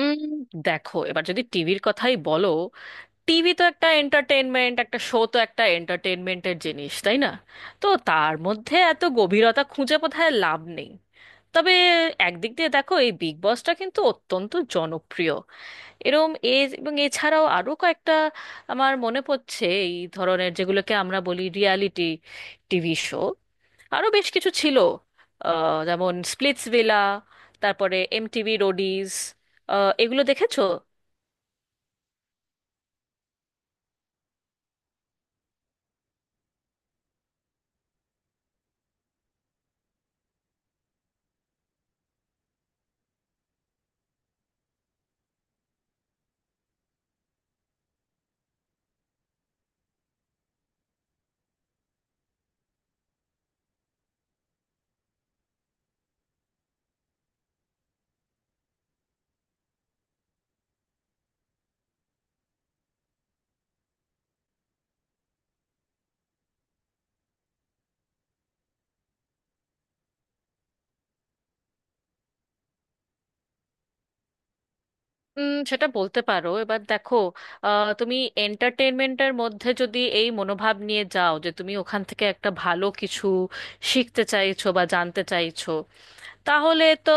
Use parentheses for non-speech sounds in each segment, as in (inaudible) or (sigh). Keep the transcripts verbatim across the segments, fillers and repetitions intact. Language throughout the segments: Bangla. উম, দেখো, এবার যদি টিভির কথাই বলো, টিভি তো একটা এন্টারটেনমেন্ট, একটা শো তো একটা এন্টারটেনমেন্টের জিনিস, তাই না? তো তার মধ্যে এত গভীরতা খুঁজে বোধহয় লাভ নেই। তবে একদিক দিয়ে দেখো, এই বিগ বসটা কিন্তু অত্যন্ত জনপ্রিয়। এরম এ এবং এছাড়াও আরো কয়েকটা আমার মনে পড়ছে এই ধরনের, যেগুলোকে আমরা বলি রিয়ালিটি টিভি শো, আরো বেশ কিছু ছিল। আহ, যেমন স্প্লিটস ভিলা, তারপরে এমটিভি রোডিজ, এগুলো দেখেছো? উম, সেটা বলতে পারো। এবার দেখো, আহ, তুমি এন্টারটেনমেন্টের মধ্যে যদি এই মনোভাব নিয়ে যাও যে তুমি ওখান থেকে একটা ভালো কিছু শিখতে চাইছো বা জানতে চাইছো, তাহলে তো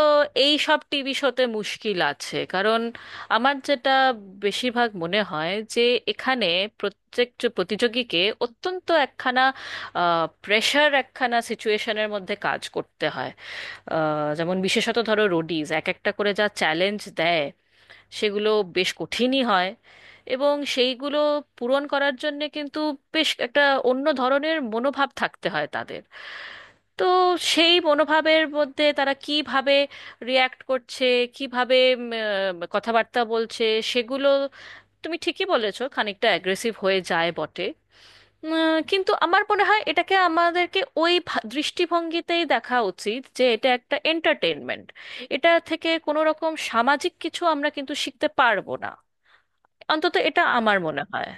এই সব টিভি শোতে মুশকিল আছে, কারণ আমার যেটা বেশিরভাগ মনে হয় যে এখানে প্রত্যেক যে প্রতিযোগীকে অত্যন্ত একখানা প্রেশার, একখানা সিচুয়েশনের মধ্যে কাজ করতে হয়। আহ, যেমন বিশেষত ধরো রোডিজ এক একটা করে যা চ্যালেঞ্জ দেয়, সেগুলো বেশ কঠিনই হয়। এবং সেইগুলো পূরণ করার জন্যে কিন্তু বেশ একটা অন্য ধরনের মনোভাব থাকতে হয় তাদের। তো সেই মনোভাবের মধ্যে তারা কিভাবে রিয়াক্ট করছে, কিভাবে উম, আহ, কথাবার্তা বলছে, সেগুলো তুমি ঠিকই বলেছো, খানিকটা অ্যাগ্রেসিভ হয়ে যায় বটে। উম, কিন্তু আমার মনে হয় এটাকে আমাদেরকে ওই ভা- দৃষ্টিভঙ্গিতেই দেখা উচিত যে এটা একটা এন্টারটেনমেন্ট। এটা থেকে কোনো রকম সামাজিক কিছু আমরা কিন্তু শিখতে পারবো না, অন্তত এটা আমার মনে হয়।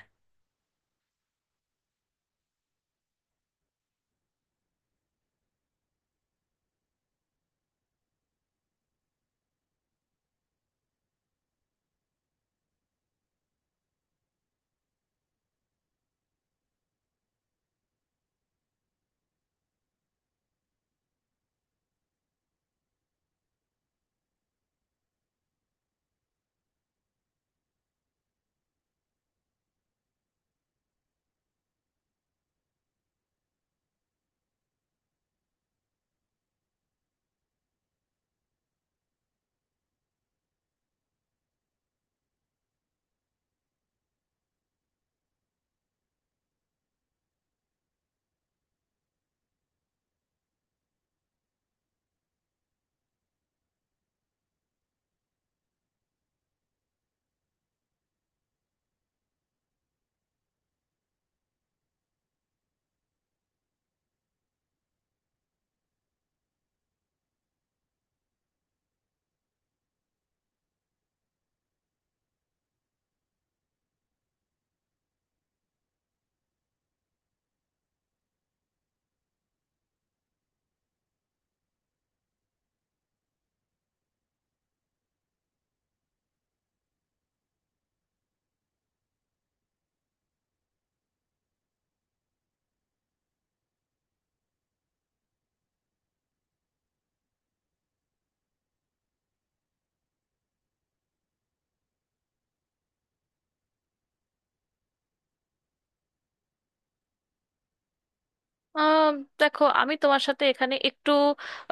আহ, দেখো, আমি তোমার সাথে এখানে একটু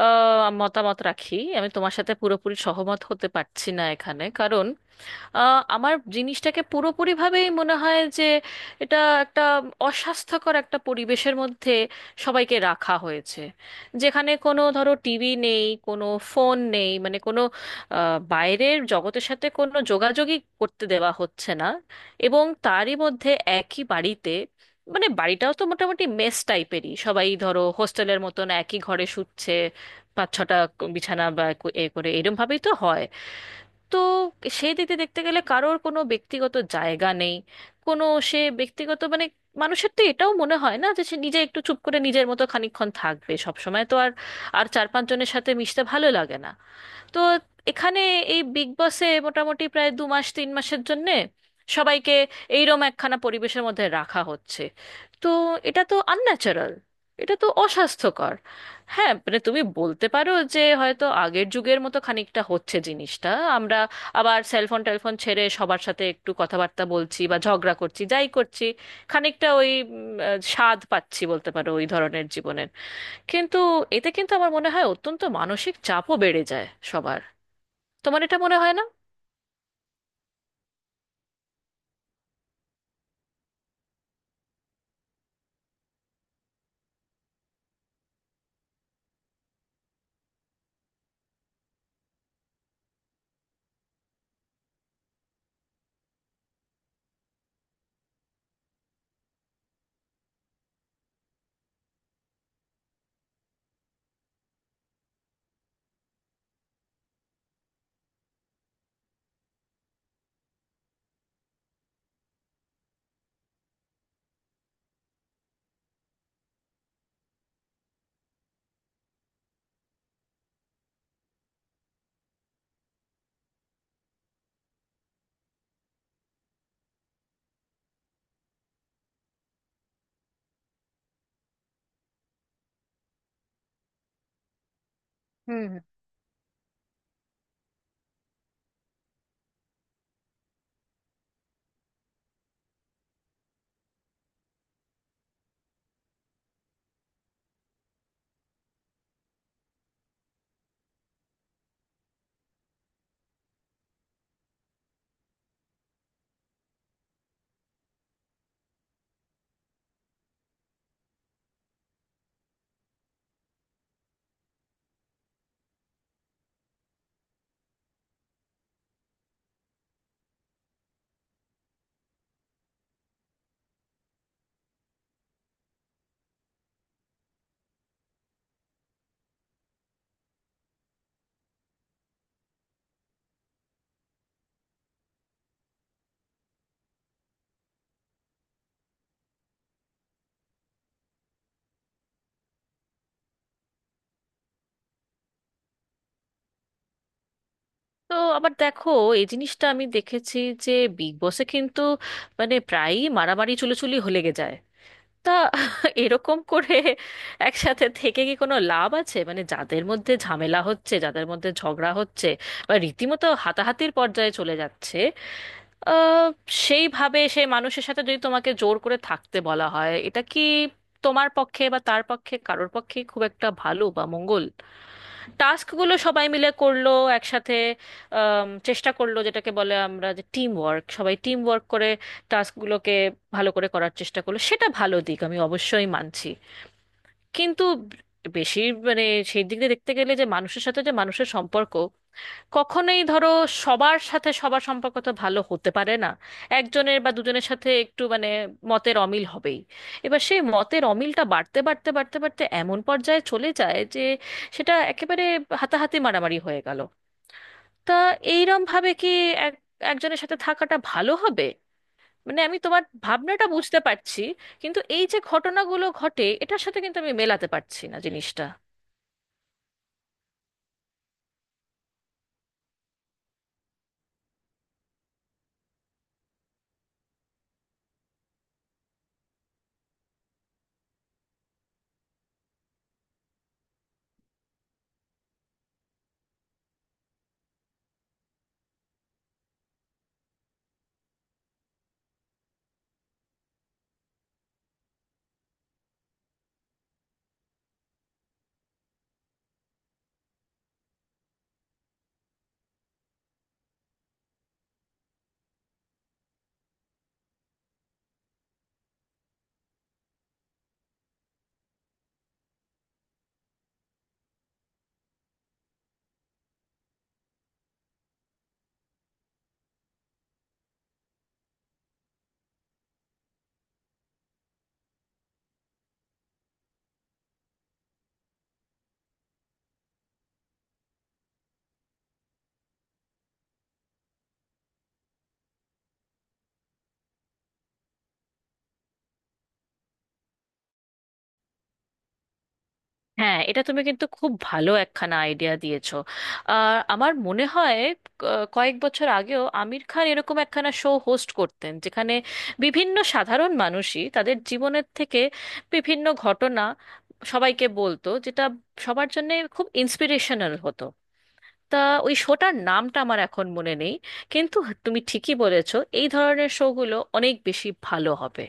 আহ, মতামত রাখি। আমি তোমার সাথে পুরোপুরি সহমত হতে পারছি না এখানে, কারণ আহ, আমার জিনিসটাকে পুরোপুরিভাবেই মনে হয় যে এটা একটা অস্বাস্থ্যকর একটা পরিবেশের মধ্যে সবাইকে রাখা হয়েছে, যেখানে কোনো ধরো টিভি নেই, কোনো ফোন নেই, মানে কোনো আহ, বাইরের জগতের সাথে কোনো যোগাযোগই করতে দেওয়া হচ্ছে না। এবং তারই মধ্যে একই বাড়িতে, মানে বাড়িটাও তো মোটামুটি মেস টাইপেরই, সবাই ধরো হোস্টেলের মতন একই ঘরে শুচ্ছে, পাঁচ ছটা বিছানা বা এ করে এরম ভাবেই তো হয়। তো সেই দিকে দেখতে গেলে কারোর কোনো ব্যক্তিগত জায়গা নেই, কোনো সে ব্যক্তিগত মানে, মানুষের তো এটাও মনে হয় না যে সে নিজে একটু চুপ করে নিজের মতো খানিকক্ষণ থাকবে। সব সময় তো আর আর চার পাঁচ জনের সাথে মিশতে ভালো লাগে না। তো এখানে এই বিগ বসে মোটামুটি প্রায় দু মাস তিন মাসের জন্যে সবাইকে এইরম একখানা পরিবেশের মধ্যে রাখা হচ্ছে। তো এটা তো আনন্যাচারাল, এটা তো অস্বাস্থ্যকর। হ্যাঁ, মানে তুমি বলতে পারো যে হয়তো আগের যুগের মতো খানিকটা হচ্ছে জিনিসটা, আমরা আবার সেলফোন টেলফোন ছেড়ে সবার সাথে একটু কথাবার্তা বলছি বা ঝগড়া করছি, যাই করছি, খানিকটা ওই উম, আহ, স্বাদ পাচ্ছি, বলতে পারো, ওই ধরনের জীবনের। কিন্তু এতে কিন্তু আমার মনে হয় অত্যন্ত মানসিক চাপও বেড়ে যায় সবার। তোমার এটা মনে হয় না? হুম, হুম। তো আবার দেখো, এই জিনিসটা আমি দেখেছি যে বিগ বসে কিন্তু, মানে, প্রায়ই মারামারি চুলোচুলি হয়ে লেগে যায়। তা (laughs) এরকম করে একসাথে থেকে কি কোনো লাভ আছে? মানে যাদের মধ্যে ঝামেলা হচ্ছে, যাদের মধ্যে ঝগড়া হচ্ছে, বা রীতিমতো হাতাহাতির পর্যায়ে চলে যাচ্ছে, আহ সেইভাবে সেই মানুষের সাথে যদি তোমাকে জোর করে থাকতে বলা হয়, এটা কি তোমার পক্ষে বা তার পক্ষে কারোর পক্ষে খুব একটা ভালো বা মঙ্গল? টাস্কগুলো সবাই মিলে করলো একসাথে, আম, চেষ্টা করলো যেটাকে বলে আমরা যে টিম ওয়ার্ক, সবাই টিম ওয়ার্ক করে টাস্কগুলোকে ভালো করে করার চেষ্টা করলো, সেটা ভালো দিক, আমি অবশ্যই মানছি। কিন্তু বেশি, মানে, সেই দিক দিয়ে দেখতে গেলে, যে মানুষের সাথে যে মানুষের সম্পর্ক, কখনোই ধরো সবার সাথে সবার সম্পর্ক তো ভালো হতে পারে না, একজনের বা দুজনের সাথে একটু মানে মতের অমিল হবেই। এবার সেই মতের অমিলটা বাড়তে বাড়তে বাড়তে বাড়তে এমন পর্যায়ে চলে যায় যে সেটা একেবারে হাতাহাতি মারামারি হয়ে গেল। তা এইরম ভাবে কি এক একজনের সাথে থাকাটা ভালো হবে? মানে আমি তোমার ভাবনাটা বুঝতে পারছি, কিন্তু এই যে ঘটনাগুলো ঘটে, এটার সাথে কিন্তু আমি মেলাতে পারছি না জিনিসটা। হ্যাঁ, এটা তুমি কিন্তু খুব ভালো একখানা আইডিয়া দিয়েছো। আর আমার মনে হয় ক- কয়েক বছর আগেও আমির খান এরকম একখানা শো হোস্ট করতেন, যেখানে বিভিন্ন সাধারণ মানুষই তাদের জীবনের থেকে বিভিন্ন ঘটনা সবাইকে বলতো, যেটা সবার জন্য খুব ইন্সপিরেশনাল হতো। তা ওই শোটার নামটা আমার এখন মনে নেই, কিন্তু তুমি ঠিকই বলেছো, এই ধরনের শোগুলো অনেক বেশি ভালো হবে।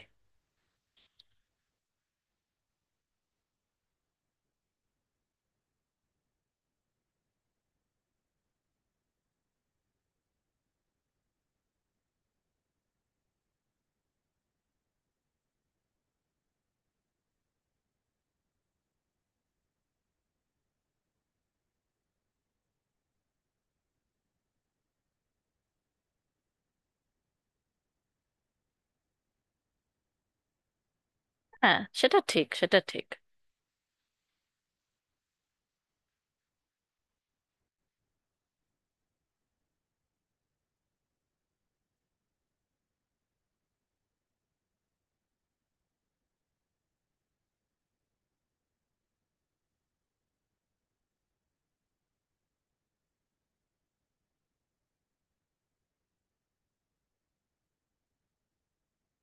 হ্যাঁ, সেটা ঠিক, সেটা ঠিক।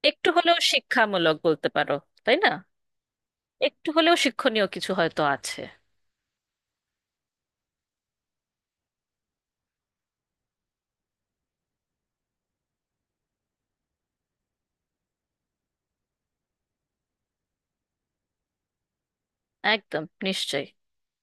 একটু হলেও শিক্ষামূলক, বলতে পারো, তাই না? একটু হলেও শিক্ষণীয় কিছু হয়তো আছে। একদম নিশ্চয়ই